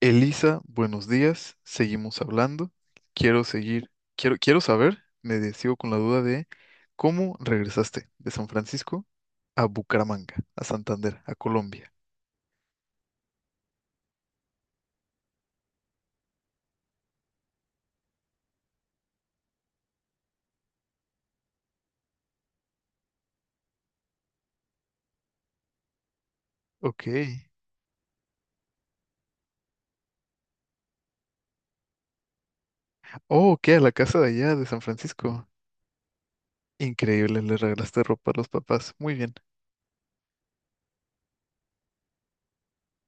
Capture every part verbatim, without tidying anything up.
Elisa, buenos días. Seguimos hablando. Quiero seguir, quiero, quiero saber, me de- sigo con la duda de cómo regresaste de San Francisco a Bucaramanga, a Santander, a Colombia. Ok. Oh, ok, a la casa de allá de San Francisco. Increíble, le regalaste ropa a los papás. Muy bien.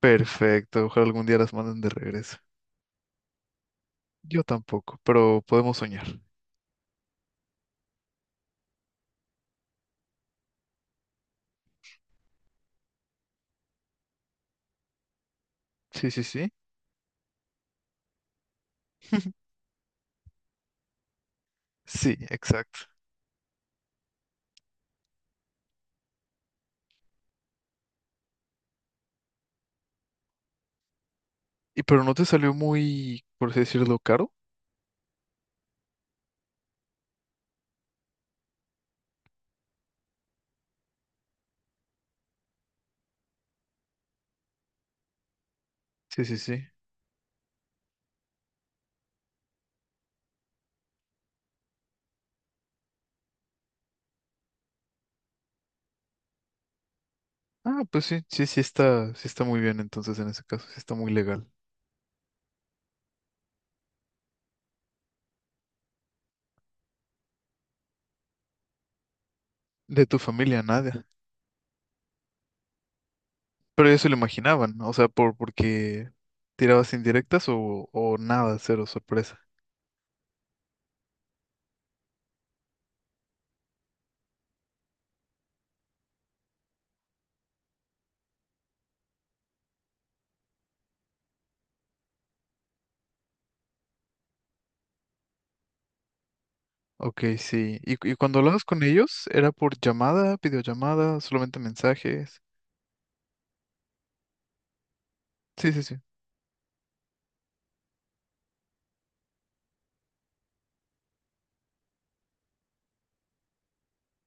Perfecto. Ojalá algún día las manden de regreso. Yo tampoco, pero podemos soñar. Sí, sí, sí. Sí, exacto. Y pero no te salió muy, por así decirlo, caro. Sí, sí, sí. Ah, pues sí, sí, sí está, sí está muy bien entonces en ese caso, sí está muy legal. De tu familia, nada. Pero eso lo imaginaban, ¿no? O sea, por porque tirabas indirectas o, o nada, cero sorpresa. Ok, sí. ¿Y, cu- y cuando hablabas con ellos, ¿era por llamada, videollamada, solamente mensajes? Sí, sí, sí.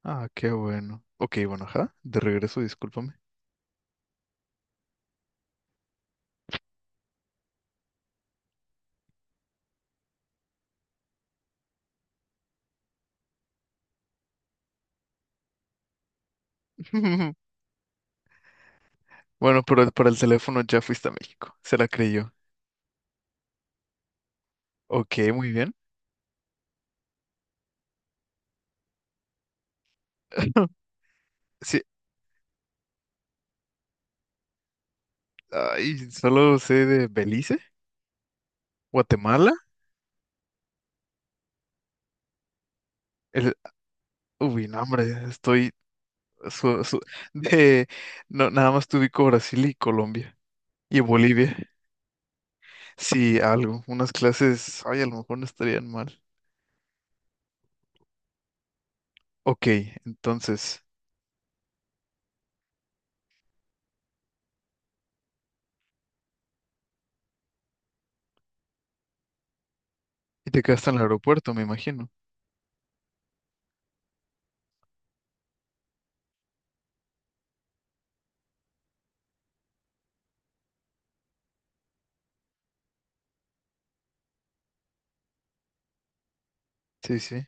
Ah, qué bueno. Ok, bueno, ajá, de regreso, discúlpame. Bueno, pero el- para el teléfono ya fuiste a México, se la creyó. Ok, muy bien. Sí, ay, solo sé de Belice, Guatemala. El, uy, no, hombre, estoy su- su- de, no, nada más te ubico Brasil y Colombia y Bolivia. Sí, algo, unas clases, ay, a lo mejor no estarían mal. Ok, entonces, y te quedaste en el aeropuerto, me imagino. Sí, sí,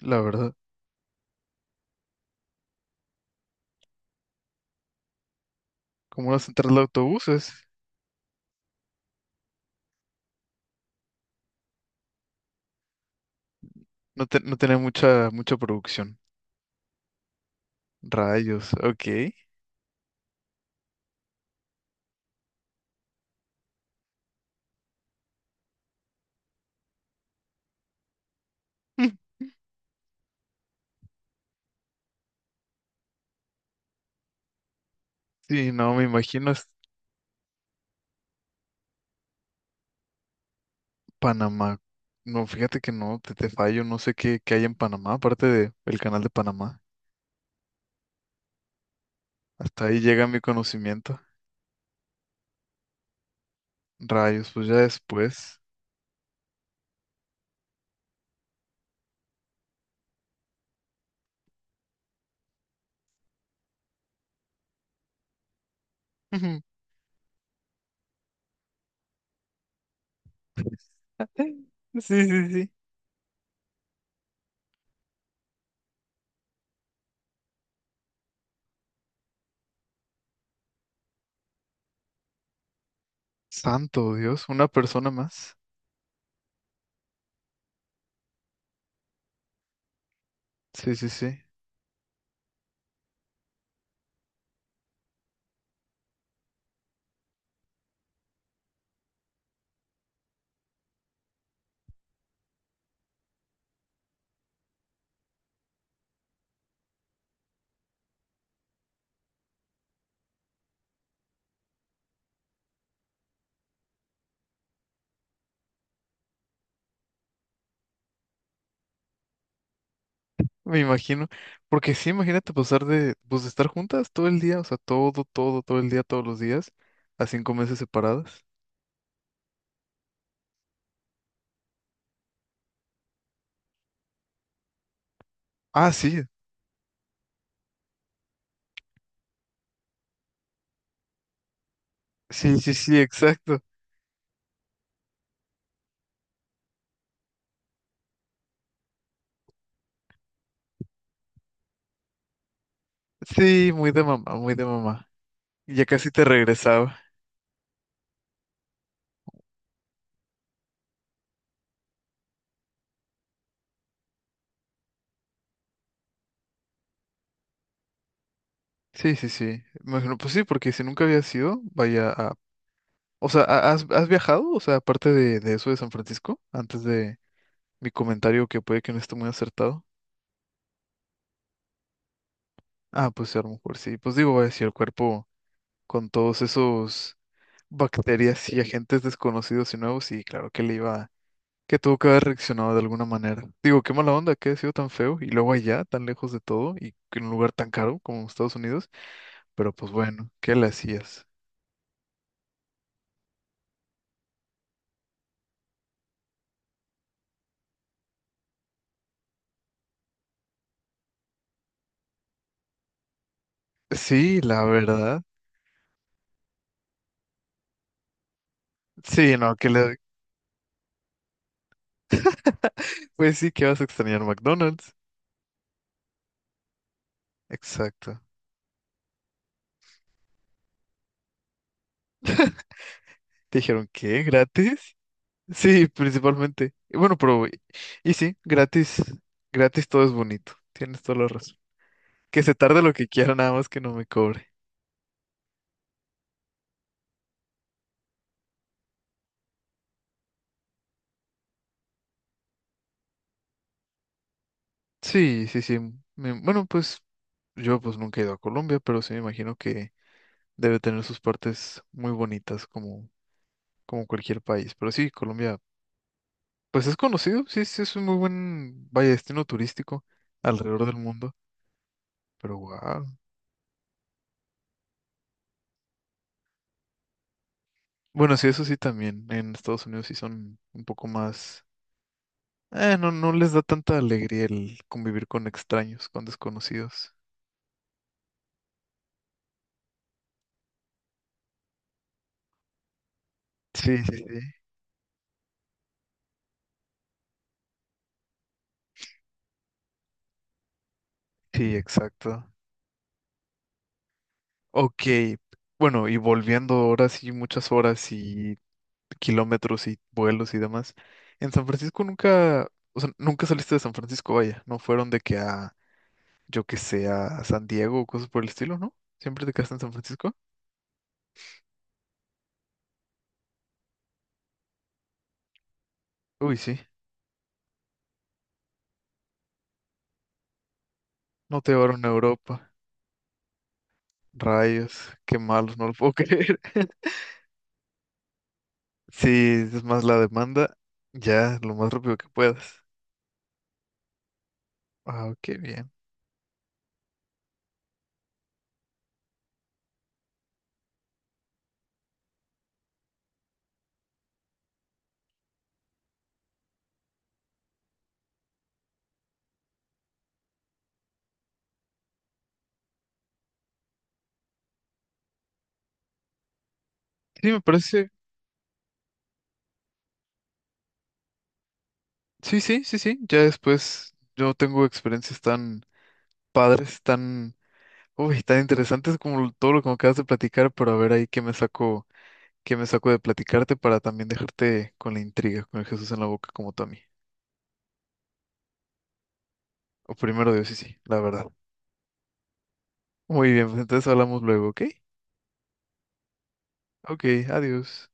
la verdad. Como una central de autobuses, no, te- no tenía mucha, mucha producción. Rayos, ok. Sí, no, me imagino es Panamá. No, fíjate que no, te, te fallo, no sé qué, qué hay en Panamá, aparte del canal de Panamá. Hasta ahí llega mi conocimiento. Rayos, pues ya después. Sí, sí, sí. Santo Dios, una persona más. Sí, sí, sí. Me imagino. Porque sí, imagínate pasar de, pues, de estar juntas todo el día, o sea, todo, todo, todo el día, todos los días, a cinco meses separadas. Ah, sí, sí, sí, sí, exacto. Sí, muy de mamá, muy de mamá. Y ya casi te regresaba. Sí, sí, sí. Me imagino, pues sí, porque si nunca había sido, vaya, a... O sea, ¿ha- ¿has, has viajado? O sea, aparte de, de eso de San Francisco, antes de mi comentario que puede que no esté muy acertado. Ah, pues sí, a lo mejor sí. Pues digo, vaya, si el cuerpo con todos esos bacterias y agentes desconocidos y nuevos, y claro que le iba, que tuvo que haber reaccionado de alguna manera. Digo, qué mala onda que ha sido tan feo y luego allá, tan lejos de todo y en un lugar tan caro como Estados Unidos, pero pues bueno, ¿qué le hacías? Sí, la verdad. Sí, no, que le... Pues sí, que vas a extrañar McDonald's. Exacto. Te dijeron, ¿qué? ¿Gratis? Sí, principalmente. Y bueno, pero, y sí, gratis, gratis todo es bonito. Tienes toda la razón. Que se tarde lo que quiera, nada más que no me cobre. Sí, sí, sí. Me- bueno, pues yo pues nunca he ido a Colombia, pero sí me imagino que debe tener sus partes muy bonitas como, como cualquier país. Pero sí, Colombia, pues es conocido, sí, sí, es un muy buen, vaya, destino turístico alrededor del mundo. Pero wow. Bueno, sí, eso sí también. En Estados Unidos sí son un poco más... Eh, no, no les da tanta alegría el convivir con extraños, con desconocidos. Sí, sí, sí. Sí, exacto. Ok, bueno, y volviendo ahora sí muchas horas y kilómetros y vuelos y demás. En San Francisco nunca, o sea, nunca saliste de San Francisco, vaya. No fueron de que a, yo que sé, a San Diego o cosas por el estilo, ¿no? Siempre te quedaste en San Francisco. Uy, sí. No te llevaron a Europa. Rayos, qué malos, no lo puedo creer. Sí, es más la demanda, ya lo más rápido que puedas. Ah, qué bien. Sí, me parece. Sí, sí, sí, sí. Ya después yo tengo experiencias tan padres, tan, uy, tan interesantes como lo- todo lo que me acabas de platicar, pero a ver ahí qué me saco, qué me saco de platicarte para también dejarte con la intriga, con el Jesús en la boca como tú a mí. O primero Dios, sí, sí, la verdad. Muy bien, pues entonces hablamos luego, ¿ok? Ok, adiós.